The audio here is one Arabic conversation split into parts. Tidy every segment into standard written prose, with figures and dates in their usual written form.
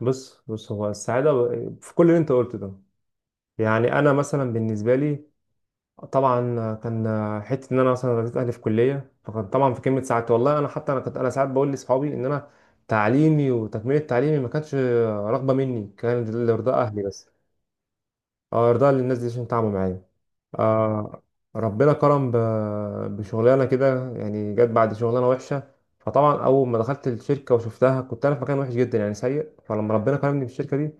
بص بص، هو السعادة في كل اللي انت قلته ده. يعني انا مثلا بالنسبة لي طبعا كان حتة ان انا مثلا رضيت اهلي في كلية، فكان طبعا في كلمة سعادتي والله. انا حتى انا كنت انا ساعات بقول لاصحابي ان انا تعليمي وتكملة تعليمي ما كانتش رغبة مني، كان لرضا اهلي بس. اه، ارضاء للناس دي عشان تعبوا معايا. آه، ربنا كرم بشغلانه كده يعني، جت بعد شغلانه وحشه. فطبعا اول ما دخلت الشركه وشفتها كنت انا في مكان وحش جدا يعني سيء، فلما ربنا كرمني بالشركه دي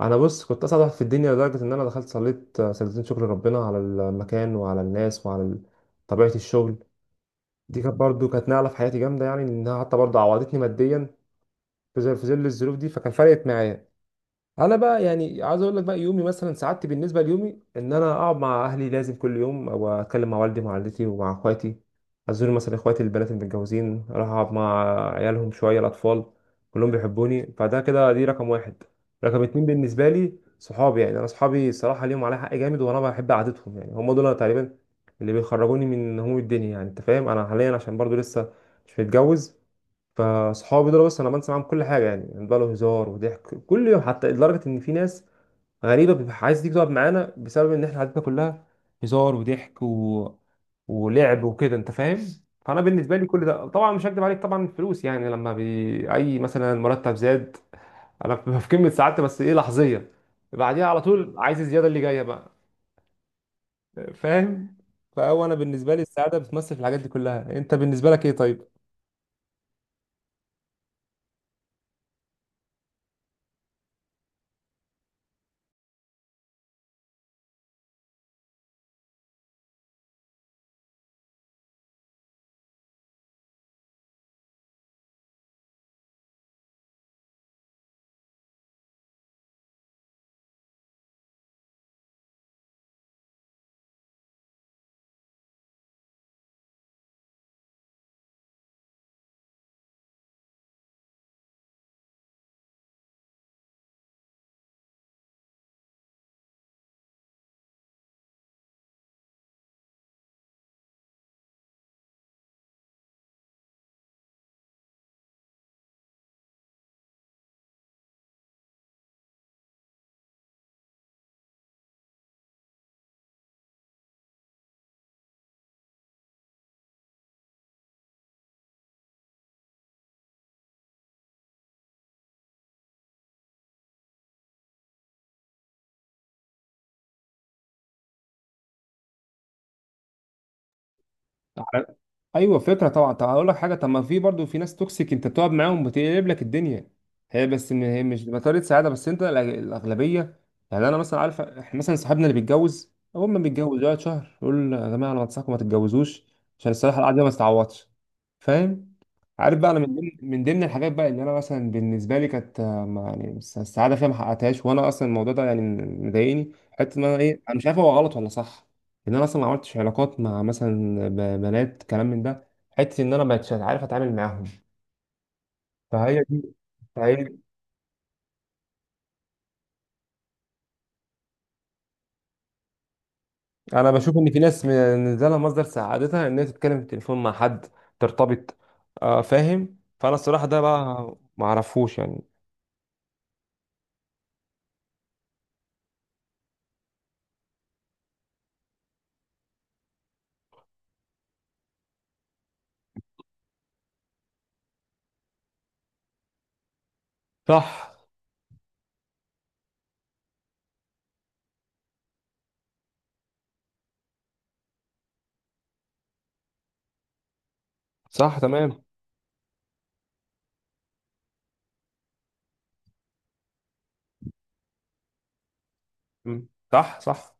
انا بص كنت اسعد واحد في الدنيا، لدرجه ان انا دخلت صليت سجدتين شكر ربنا على المكان وعلى الناس وعلى طبيعه الشغل. دي كانت برضو كانت نقله في حياتي جامده، يعني انها حتى برضو عوضتني ماديا في ظل الظروف دي، فكان فرقت معايا. انا بقى يعني عايز اقول لك بقى يومي، مثلا سعادتي بالنسبه ليومي ان انا اقعد مع اهلي لازم كل يوم، او اتكلم مع والدي ومع والدتي ومع اخواتي. ازور مثلا اخواتي البنات المتجوزين، اروح اقعد مع عيالهم شويه، الاطفال كلهم بيحبوني. فده كده دي رقم واحد. رقم اتنين بالنسبه لي صحابي، يعني انا صحابي الصراحه ليهم عليا حق جامد وانا بحب قعدتهم، يعني هم دول أنا تقريبا اللي بيخرجوني من هموم الدنيا. يعني انت فاهم، انا حاليا عشان برضو لسه مش متجوز، فصحابي دول بس انا بنسى معاهم كل حاجه يعني. يعني بقى له هزار وضحك كل يوم، حتى لدرجه ان في ناس غريبه بتبقى عايز تيجي تقعد معانا بسبب ان احنا قعدتنا كلها هزار وضحك ولعب وكده، انت فاهم. فانا بالنسبه لي كل ده، طبعا مش هكدب عليك، طبعا الفلوس يعني لما اي مثلا مرتب زاد، انا ببقى في قمه سعادتي، بس ايه لحظيه، بعديها على طول عايز الزياده اللي جايه بقى. فاهم. فهو انا بالنسبه لي السعاده بتمثل في الحاجات دي كلها. انت بالنسبه لك ايه طيب؟ على- ايوه فكره طبعا. طب اقول لك حاجه، طب ما في برضو في ناس توكسيك انت بتقعد معاهم بتقلب لك الدنيا، هي بس ان هي مش بطاريه سعاده، بس انت الاغلبيه. يعني انا مثلا عارف احنا مثلا صاحبنا اللي بيتجوز اول ما بيتجوز يقعد شهر يقول يا جماعه انا بنصحكم ما تتجوزوش عشان الصراحه القعده دي ما تتعوضش. فاهم. عارف بقى انا من ضمن الحاجات بقى اللي انا مثلا بالنسبه لي كانت يعني السعاده فيها ما حققتهاش، وانا اصلا الموضوع ده يعني مضايقني، حته ان انا ايه، انا مش عارف هو غلط ولا صح. ان انا اصلا ما عملتش علاقات مع مثلا بنات كلام من ده، حته ان انا ما بقتش عارف اتعامل معاهم. فهي دي. فهي انا بشوف ان في ناس بالنسبه لها مصدر سعادتها ان هي تتكلم في التليفون مع حد ترتبط. فاهم. فانا الصراحه ده بقى ما اعرفوش يعني. صح، صح، تمام. مم. صح، صح.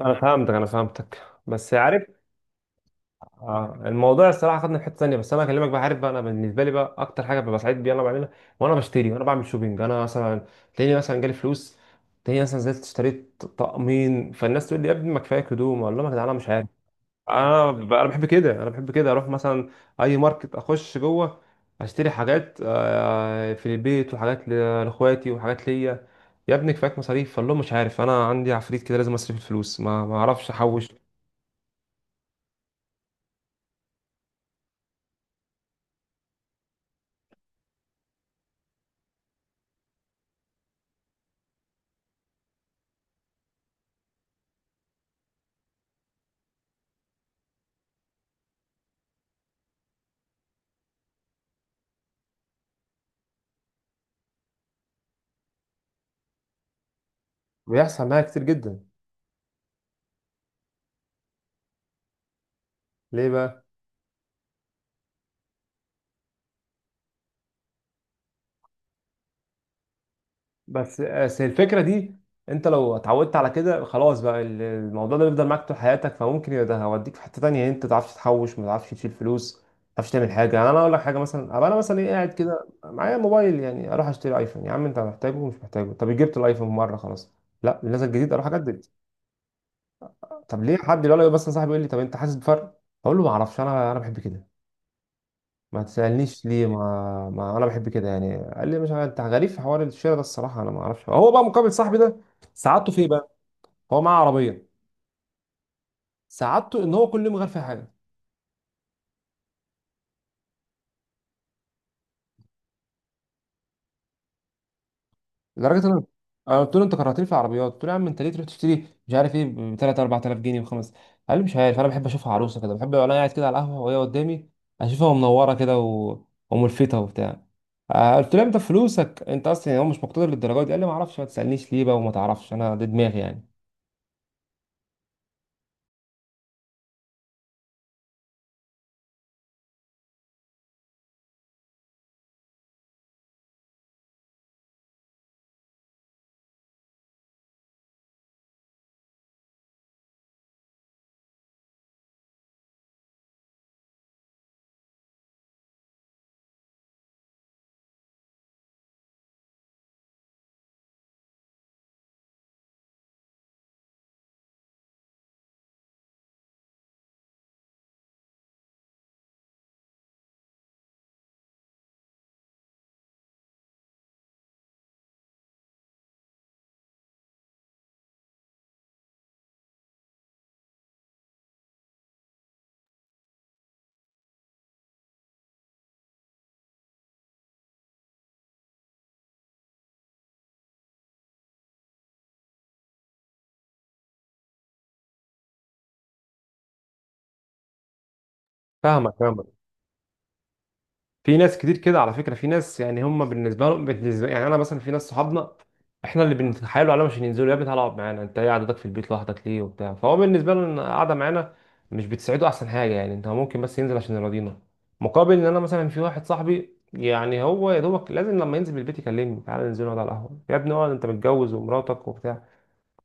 انا فهمتك، انا فهمتك. بس عارف، الموضوع الصراحه خدنا في حته ثانيه، بس انا هكلمك بقى. عارف بقى انا بالنسبه لي بقى اكتر حاجه ببقى سعيد بيها انا بعملها وانا بشتري وانا بعمل شوبينج. انا مثلا تلاقيني مثلا جالي فلوس، تلاقيني مثلا نزلت اشتريت طقمين، فالناس تقول لي يا ابني ما كفايك هدوم. اقول لهم يا جدعان انا مش عارف، انا انا بحب كده، انا بحب كده، اروح مثلا اي ماركت اخش جوه اشتري حاجات في البيت وحاجات لاخواتي وحاجات ليا. يا ابني كفاك مصاريف، فقال لهم مش عارف انا عندي عفريت كده لازم اصرف الفلوس ما اعرفش احوش. بيحصل معايا كتير جدا. ليه بقى؟ بس الفكره دي، انت لو اتعودت على كده خلاص بقى الموضوع ده بيفضل معاك طول حياتك، فممكن يبقى ده هوديك في حته تانية انت ما تعرفش تحوش، ما تعرفش تشيل فلوس، ما تعرفش تعمل حاجه. يعني انا اقول لك حاجه مثلا، أبقى انا مثلا ايه قاعد كده معايا موبايل، يعني اروح اشتري ايفون. يا عم انت محتاجه ومش محتاجه، طب جبت الايفون مره خلاص، لا نزل جديد اروح اجدد. طب ليه؟ حد يقول لي مثلا، صاحبي يقول لي طب انت حاسس بفرق؟ اقول له ما اعرفش، انا انا بحب كده، ما تسألنيش ليه، ما انا بحب كده يعني. قال لي مش عارف انت غريب في حوار الشراء ده. الصراحه انا ما اعرفش. هو بقى مقابل صاحبي ده سعادته في ايه بقى؟ هو معاه عربيه سعادته ان هو كل يوم غير فيها حاجه، لدرجه ان انا، أنا قلت له انت كرهتني في العربيات. قلت له يا عم انت ليه تروح تشتري مش عارف ايه ب 3 4000 جنيه وخمس. قال لي مش عارف، انا بحب اشوفها عروسه كده، بحب وانا قاعد كده على القهوه وهي قدامي اشوفها منوره كده وملفته وبتاع. قلت له انت فلوسك انت اصلا يعني، هو مش مقتدر للدرجه دي. قال لي ما اعرفش ما تسالنيش ليه بقى، وما تعرفش انا، ده دماغي يعني. فاهمك، فاهمك. في ناس كتير كده على فكرة، في ناس يعني هم بالنسبة لهم، بالنسبة يعني، أنا مثلا في ناس صحابنا إحنا اللي بنتحايلوا عليهم عشان ينزلوا. يا ابني تعالى اقعد معانا، أنت إيه قعدتك في البيت لوحدك ليه وبتاع؟ فهو بالنسبة له إن قاعدة معانا مش بتساعده، أحسن حاجة يعني أنت ممكن بس ينزل عشان يراضينا. مقابل إن أنا مثلا في واحد صاحبي يعني، هو يا دوبك لازم لما ينزل من البيت يكلمني تعالى ننزل نقعد على القهوة. يا ابني اقعد أنت متجوز ومراتك وبتاع.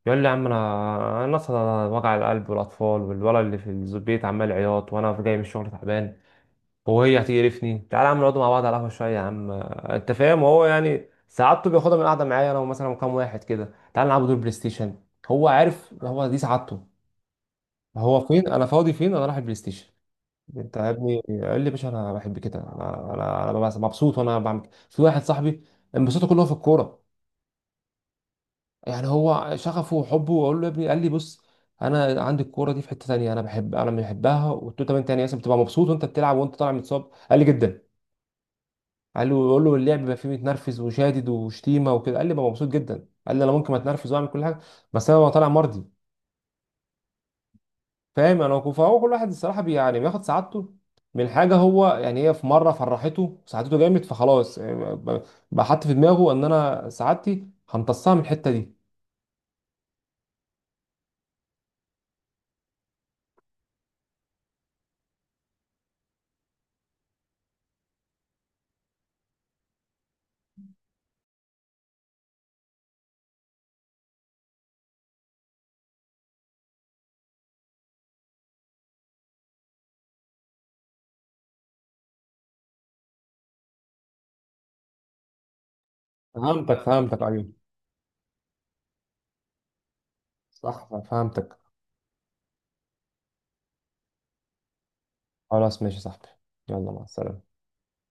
يقول لي يا عم، أنا أنا أصلا وجع القلب والأطفال والولد اللي في البيت عمال عياط، وأنا جاي من الشغل تعبان وهي هتقرفني، تعالى يا عم نقعد مع بعض على القهوه شويه يا عم. انت فاهم. وهو يعني سعادته بياخدها من القعده معايا انا ومثلا كام واحد كده، تعالى نلعب دور بلاي ستيشن. هو عارف هو دي سعادته. هو فين انا فاضي، فين انا رايح البلاي ستيشن؟ انت يا ابني! قال لي يا باشا انا بحب كده، انا ببقى مبسوط وانا بعمل كده. في واحد صاحبي انبساطه كله في الكوره. يعني هو شغفه وحبه. اقول له يا ابني، قال لي بص انا عندي الكوره دي في حته تانيه، انا بحب، انا بحبها. وقلت له طب انت يعني مثلا بتبقى مبسوط وانت بتلعب وانت طالع متصاب؟ قال لي جدا. قال له يقول له اللعب بيبقى فيه متنرفز وشادد وشتيمه وكده، قال لي ببقى مبسوط جدا. قال لي انا ممكن اتنرفز واعمل كل حاجه، بس انا ببقى طالع مرضي. فاهم انا فهو كل واحد الصراحه بي يعني بياخد سعادته من حاجه، هو يعني هي في مره فرحته سعادته جامد، فخلاص يعني بقى حاطط في دماغه ان انا سعادتي همتصها من الحته دي. فهمتك، فهمتك، فهمتك، ايوه. صح، فهمتك. خلاص ماشي يا صاحبي، يلا مع السلامه.